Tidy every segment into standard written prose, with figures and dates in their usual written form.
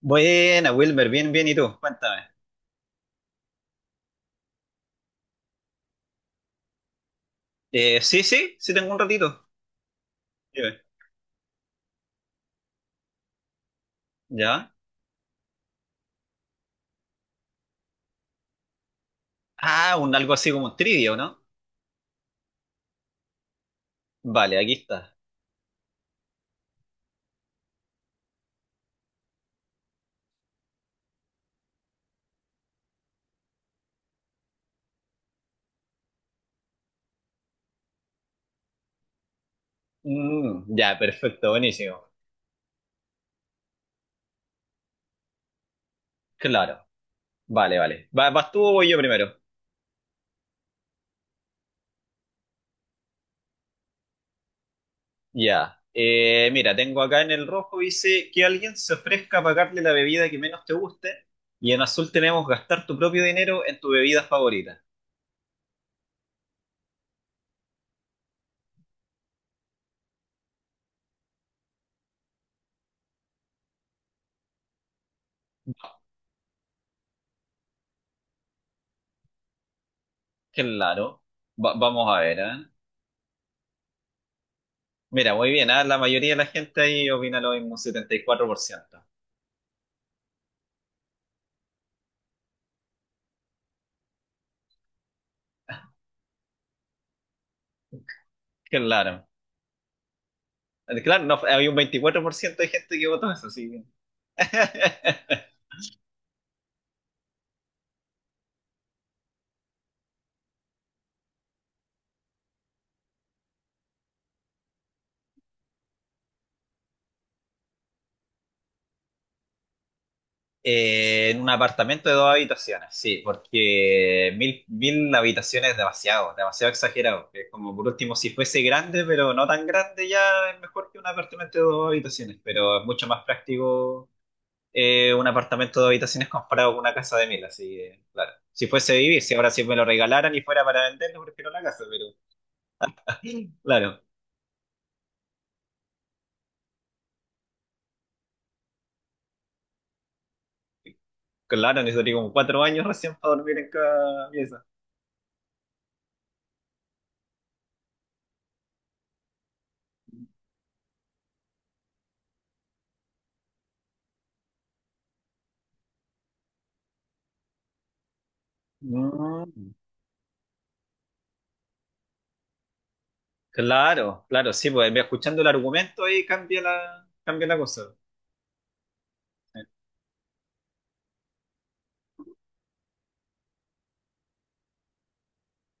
Buena, Wilmer, bien, bien, ¿y tú? Cuéntame. Sí, sí, sí tengo un ratito. Dime. ¿Ya? Ah, un algo así como un trivia, ¿o ¿no? Vale, aquí está. Mm, ya, perfecto, buenísimo. Claro, vale, vale. ¿Vas tú o voy yo primero? Ya. Mira, tengo acá en el rojo, dice que alguien se ofrezca a pagarle la bebida que menos te guste. Y en azul tenemos gastar tu propio dinero en tu bebida favorita. Claro. Vamos a ver, ¿eh? Mira, muy bien, ah, la mayoría de la gente ahí opina lo mismo, 74%. Claro. Claro, no, había un 24% de gente que votó eso, sí. En un apartamento de dos habitaciones, sí, porque mil, mil habitaciones es demasiado, demasiado exagerado. Es como por último, si fuese grande, pero no tan grande, ya es mejor que un apartamento de dos habitaciones, pero es mucho más práctico un apartamento de dos habitaciones comparado con una casa de mil, así que, claro. Si fuese vivir, si ahora si me lo regalaran y fuera para venderlo, prefiero la casa, pero claro, claro, necesitaría como 4 años recién para dormir en cada pieza. Mm. Claro, claro, sí, pues escuchando el argumento ahí cambia la cosa. Eh,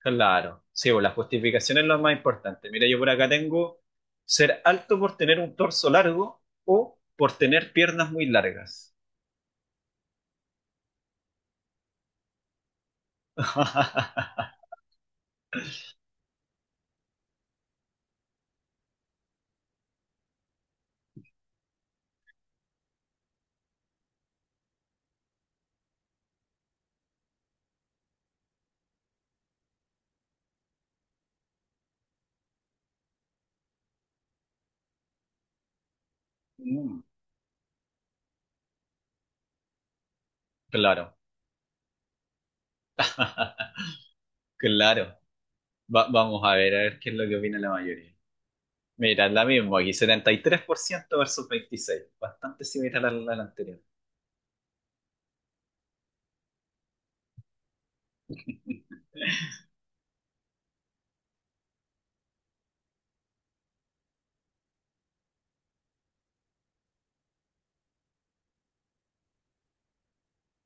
Claro, sí, pues la justificación es lo más importante. Mira, yo por acá tengo ser alto por tener un torso largo o por tener piernas muy largas. Mm. Claro, claro. Vamos a ver qué es lo que opina la mayoría. Mira, la misma aquí, 73% versus 26%, bastante similar a la anterior.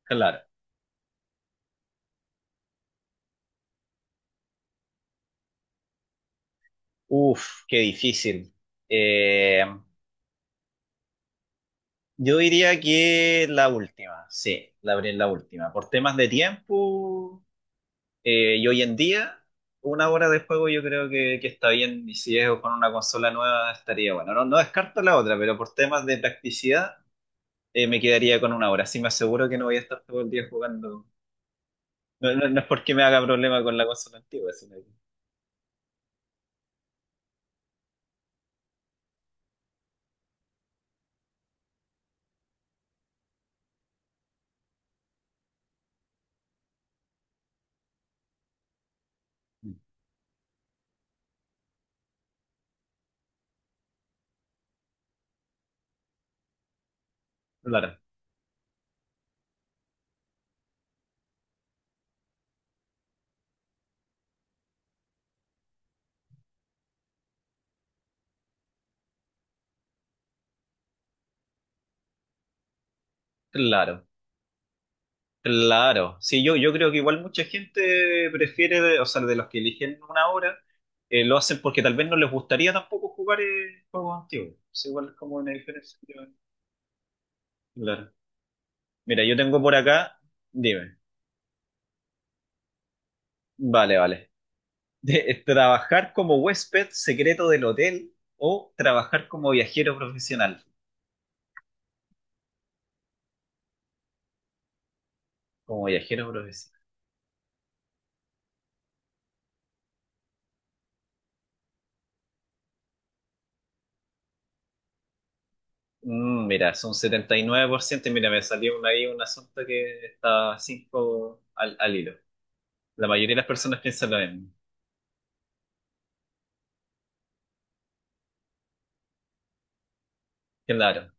Claro. Uf, qué difícil. Eh, yo diría que la última, sí, abrí la última. Por temas de tiempo, y hoy en día, una hora de juego yo creo que está bien, y si es con una consola nueva estaría bueno. No, no descarto la otra, pero por temas de practicidad, me quedaría con una hora. Así me aseguro que no voy a estar todo el día jugando. No, no es porque me haga problema con la consola antigua, claro, claro, claro. Sí, yo creo que igual mucha gente prefiere, o sea, de los que eligen una obra, lo hacen porque tal vez no les gustaría tampoco jugar juegos antiguos. Es igual es como una diferencia que hay. Claro. Mira, yo tengo por acá dime, vale, vale. Trabajar como huésped secreto del hotel o trabajar como viajero profesional. Como viajero. Mm, mira, son 79% y mira, me salió ahí un asunto que está 5 al, al hilo. La mayoría de las personas piensan lo mismo. Claro.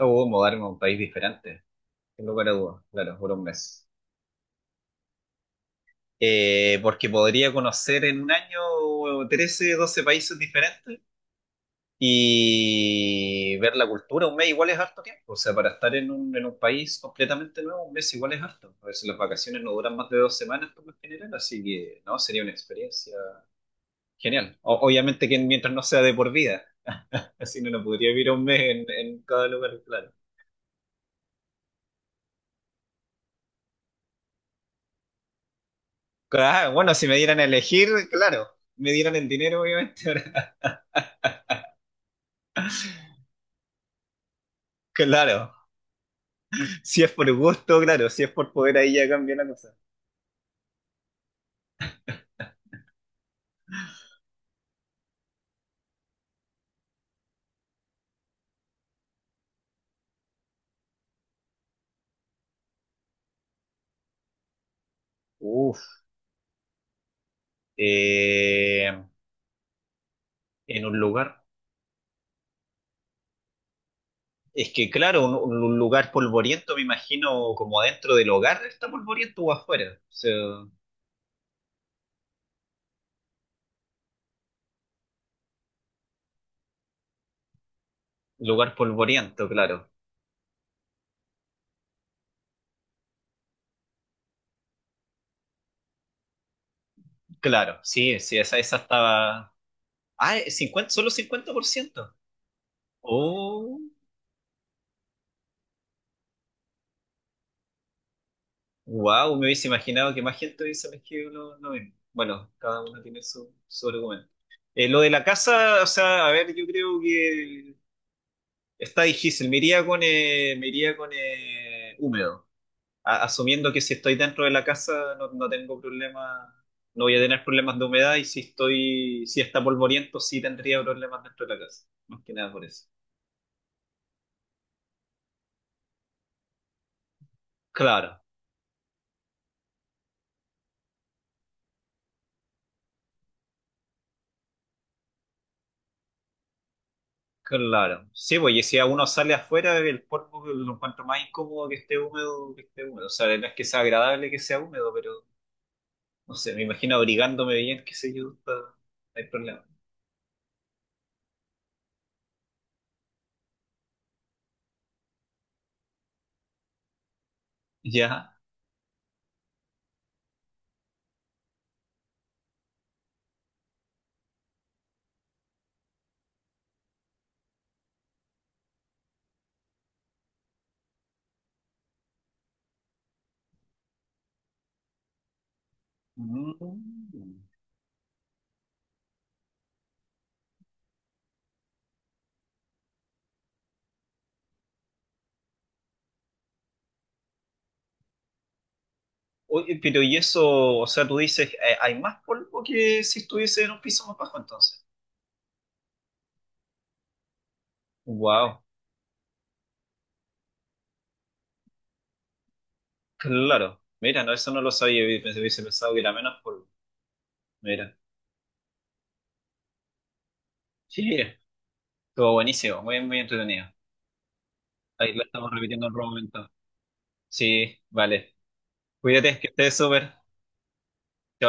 O mudarme a un país diferente. Sin lugar a dudas, claro, por un mes. Porque podría conocer en un año 13 12 países diferentes y ver la cultura. Un mes igual es harto tiempo. O sea, para estar en un país completamente nuevo, un mes igual es harto. A veces las vacaciones no duran más de 2 semanas por lo general, así que no, sería una experiencia genial. Obviamente que mientras no sea de por vida. Así no lo podría vivir un mes en, cada lugar, claro. Ah, bueno, si me dieran a elegir, claro. Me dieran el dinero, obviamente. ahora, claro. Si es por gusto, claro. Si es por poder, ahí ya cambia la cosa. Uf. Eh, en un lugar. Es que, claro, un lugar polvoriento, me imagino, como adentro del hogar está polvoriento o afuera. O sea, lugar polvoriento, claro. Claro, sí, sí, esa estaba. Ah, 50, solo 50%. Oh, wow, me hubiese imaginado que más gente hubiese elegido lo mismo. Bueno, cada uno tiene su argumento. Lo de la casa, o sea, a ver, yo creo que está difícil. Me iría con húmedo, asumiendo que si estoy dentro de la casa no, tengo problema, no voy a tener problemas de humedad y si está polvoriento sí tendría problemas dentro de la casa. Más que nada por eso. Claro, claro, sí, pues y si a uno sale afuera, el polvo lo encuentro más incómodo que esté húmedo, que esté húmedo. O sea, no es que sea agradable que sea húmedo, pero no sé, me imagino abrigándome bien, qué sé yo, no hay problema. Ya. Mm. Oye, pero y eso, o sea, tú dices, hay más polvo que si estuviese en un piso más bajo entonces. Wow, claro. Mira, no, eso no lo sabía, hubiese pensado que era menos polvo. Mira. Sí, mira. Estuvo buenísimo, muy, muy entretenido. Ahí lo estamos repitiendo en otro momento. Sí, vale. Cuídate, que estés súper. Chao,